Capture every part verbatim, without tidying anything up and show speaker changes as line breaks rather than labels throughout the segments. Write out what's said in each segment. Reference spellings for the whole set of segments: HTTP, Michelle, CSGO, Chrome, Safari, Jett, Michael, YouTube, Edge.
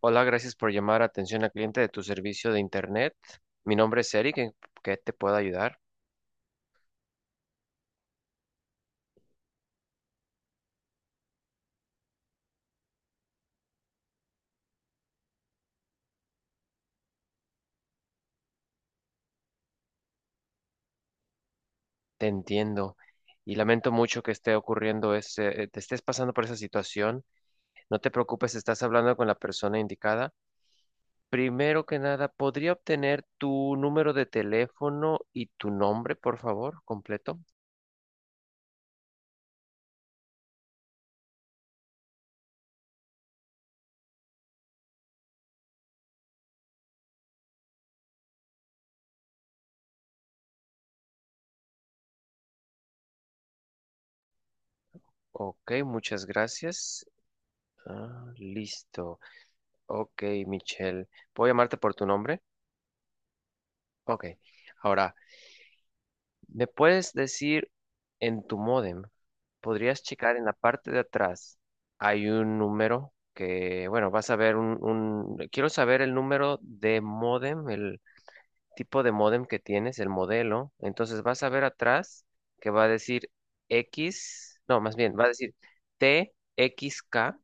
Hola, gracias por llamar a atención al cliente de tu servicio de Internet. Mi nombre es Eric, ¿en qué te puedo ayudar? Te entiendo y lamento mucho que esté ocurriendo ese, eh, te estés pasando por esa situación. No te preocupes, estás hablando con la persona indicada. Primero que nada, ¿podría obtener tu número de teléfono y tu nombre, por favor, completo? Ok, muchas gracias. Ah, listo. Ok, Michelle, ¿puedo llamarte por tu nombre? Ok. Ahora, ¿me puedes decir en tu módem? Podrías checar en la parte de atrás. Hay un número que, bueno, vas a ver un, un... quiero saber el número de módem, el tipo de módem que tienes, el modelo. Entonces vas a ver atrás que va a decir X, no, más bien, va a decir t x k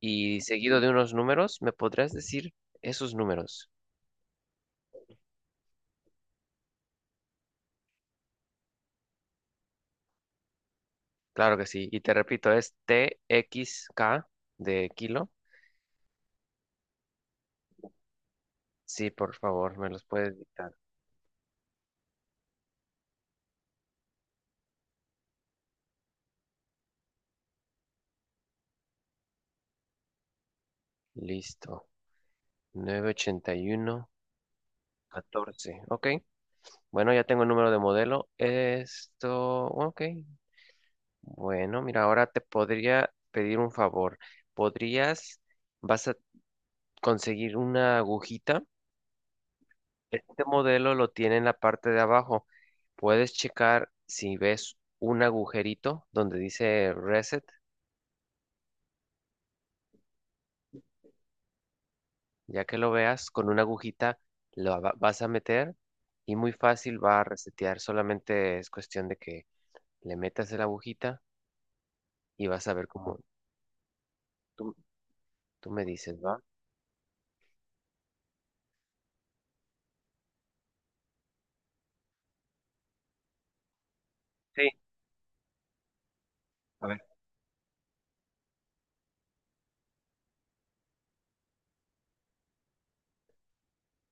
y seguido de unos números, ¿me podrías decir esos números? Claro que sí. Y te repito, es t x k de kilo. Sí, por favor, me los puedes dictar. Listo. Novecientos ochenta y uno catorce, ok. Bueno, ya tengo el número de modelo. Esto. Ok. Bueno, mira, ahora te podría pedir un favor. ¿Podrías, vas a conseguir una agujita? Este modelo lo tiene en la parte de abajo. Puedes checar si ves un agujerito donde dice reset. Ya que lo veas, con una agujita lo va- vas a meter y muy fácil va a resetear. Solamente es cuestión de que le metas la agujita y vas a ver cómo tú, tú me dices, ¿va? Sí. A ver.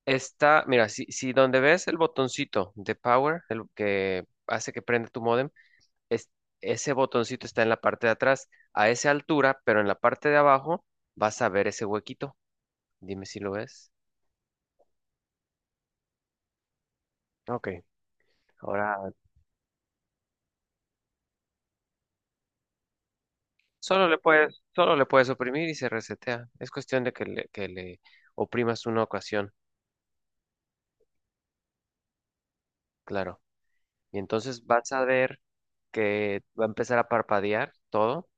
Está, mira, si, si donde ves el botoncito de power, el que hace que prenda tu modem, es, ese botoncito está en la parte de atrás, a esa altura, pero en la parte de abajo vas a ver ese huequito. Dime si lo ves. Ok. Ahora solo le puedes, solo le puedes oprimir y se resetea. Es cuestión de que le, que le oprimas una ocasión, claro. Y entonces vas a ver que va a empezar a parpadear todo.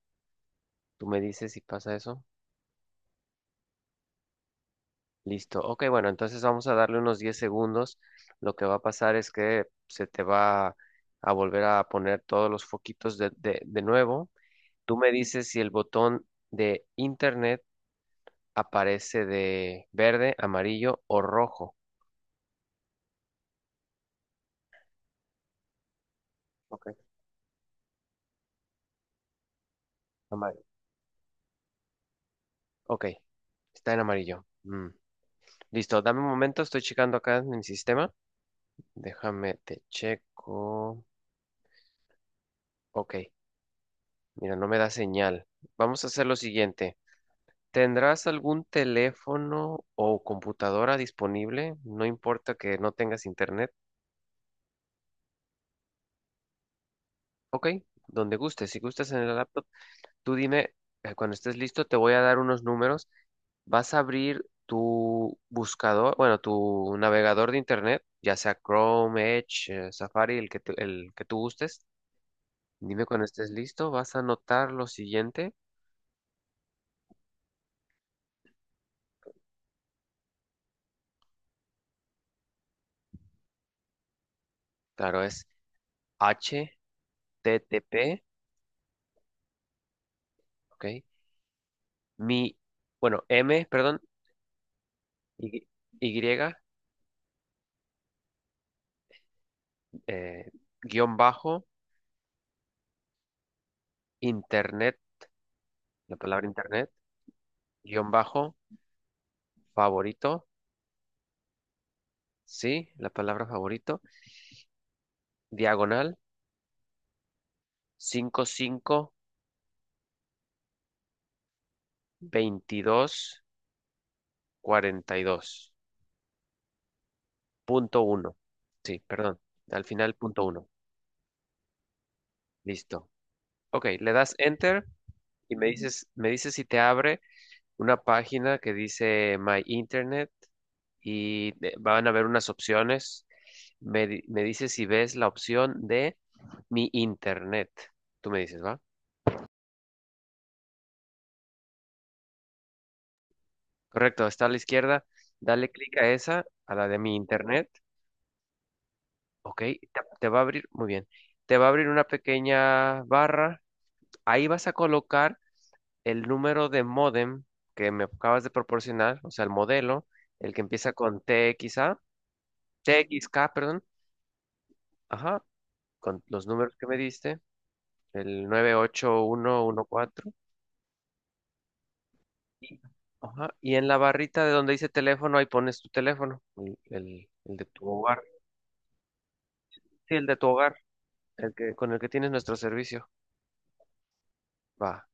Tú me dices si pasa eso. Listo. Ok, bueno, entonces vamos a darle unos diez segundos. Lo que va a pasar es que se te va a volver a poner todos los foquitos de, de, de nuevo. Tú me dices si el botón de internet aparece de verde, amarillo o rojo. Ok, amarillo. Ok, está en amarillo. Mm. Listo, dame un momento, estoy checando acá en mi sistema. Déjame, te checo. Ok, mira, no me da señal. Vamos a hacer lo siguiente. ¿Tendrás algún teléfono o computadora disponible? No importa que no tengas internet. Ok, donde gustes. Si gustas en el laptop, tú dime, eh, cuando estés listo, te voy a dar unos números. Vas a abrir tu buscador, bueno, tu navegador de internet, ya sea Chrome, Edge, eh, Safari, el que tú, el que tú gustes. Dime cuando estés listo, vas a anotar lo siguiente. Claro, es H T T P, ¿ok? Mi, bueno, M, perdón, Y, y, eh, guión bajo, internet, la palabra internet, guión bajo, favorito, sí, la palabra favorito, diagonal, cinco cinco veintidós cuarenta y dos punto uno. Sí, perdón. Al final, punto uno. Listo. Ok, le das enter y me dices, me dices si te abre una página que dice My Internet y de- van a ver unas opciones. Me, di- me dices si ves la opción de Mi Internet. Tú me dices, ¿va? Correcto, está a la izquierda. Dale clic a esa, a la de Mi Internet. Ok, te, te va a abrir, muy bien. Te va a abrir una pequeña barra. Ahí vas a colocar el número de módem que me acabas de proporcionar, o sea, el modelo, el que empieza con T T X A, T X K, perdón, ajá, con los números que me diste, el noventa y ocho mil ciento catorce, y, ajá, y en la barrita de donde dice teléfono, ahí pones tu teléfono, el, el- el de tu hogar, sí, el de tu hogar, el que, con el que tienes nuestro servicio, va,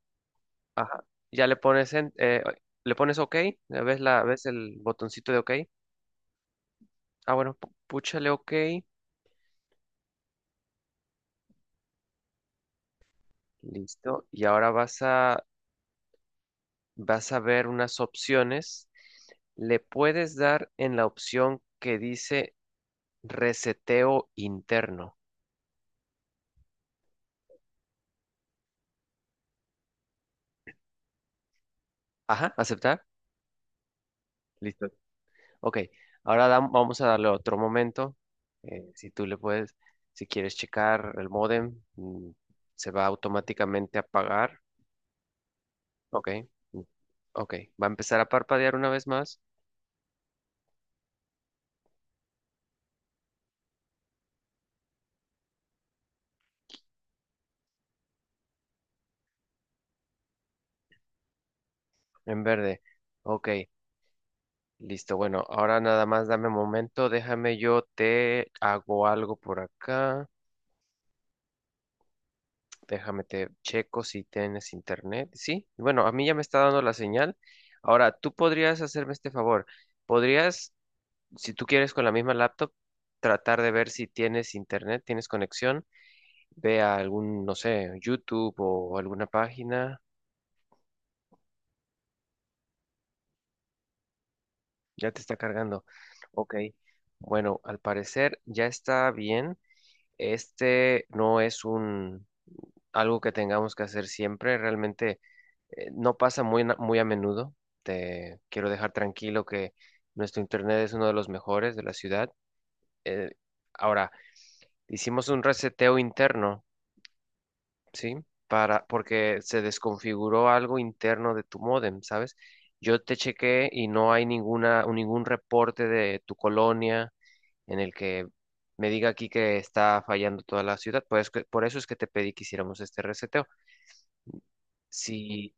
ajá, ya le pones en, eh, le pones OK, ves la, ves el botoncito de OK, ah, bueno, pu- púchale OK. Listo. Y ahora vas a, vas a ver unas opciones. Le puedes dar en la opción que dice reseteo interno. Ajá, aceptar. Listo. Ok. Ahora dam- vamos a darle otro momento. Eh, si tú le puedes, si quieres checar el módem, mm, se va automáticamente a apagar. Ok. mm, Ok. Va a empezar a parpadear una vez más en verde. Ok. Listo, bueno, ahora nada más dame un momento, déjame yo te hago algo por acá, déjame te checo si tienes internet, sí, bueno, a mí ya me está dando la señal, ahora tú podrías hacerme este favor, podrías, si tú quieres con la misma laptop, tratar de ver si tienes internet, tienes conexión, ve a algún, no sé, YouTube o alguna página, ya te está cargando, ok, bueno, al parecer ya está bien. Este no es un, algo que tengamos que hacer siempre. Realmente eh, no pasa muy, na- muy a menudo. Te quiero dejar tranquilo que nuestro internet es uno de los mejores de la ciudad. Eh, ahora, hicimos un reseteo interno, ¿sí? Para, porque se desconfiguró algo interno de tu módem, ¿sabes? Yo te chequé y no hay ninguna, ningún reporte de tu colonia en el que me diga aquí que está fallando toda la ciudad. Pues que- por eso es que te pedí que hiciéramos este reseteo. Si.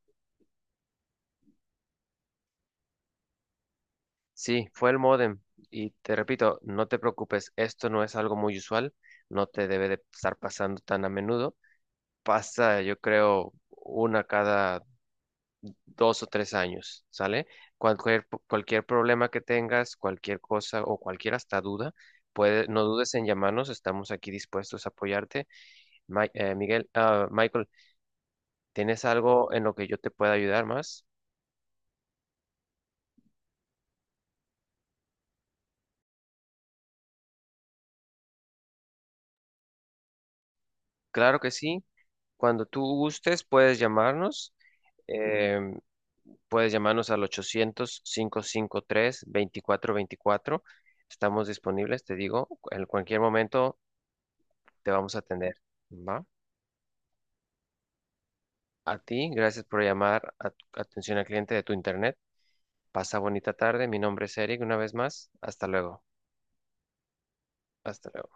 Sí, fue el módem. Y te repito, no te preocupes, esto no es algo muy usual, no te debe de estar pasando tan a menudo. Pasa, yo creo, una cada dos o tres años, ¿sale? Cualquier, cualquier problema que tengas, cualquier cosa o cualquier hasta duda, puede, no dudes en llamarnos, estamos aquí dispuestos a apoyarte. Mi- eh, Miguel, ah, Michael, ¿tienes algo en lo que yo te pueda ayudar más? Claro que sí, cuando tú gustes puedes llamarnos. Puedes llamarnos al ochocientos, cinco cinco tres, dos cuatro dos cuatro. Estamos disponibles, te digo, en cualquier momento te vamos a atender. ¿Va? A ti, gracias por llamar a tu- atención al cliente de tu internet. Pasa bonita tarde. Mi nombre es Eric, una vez más. Hasta luego. Hasta luego.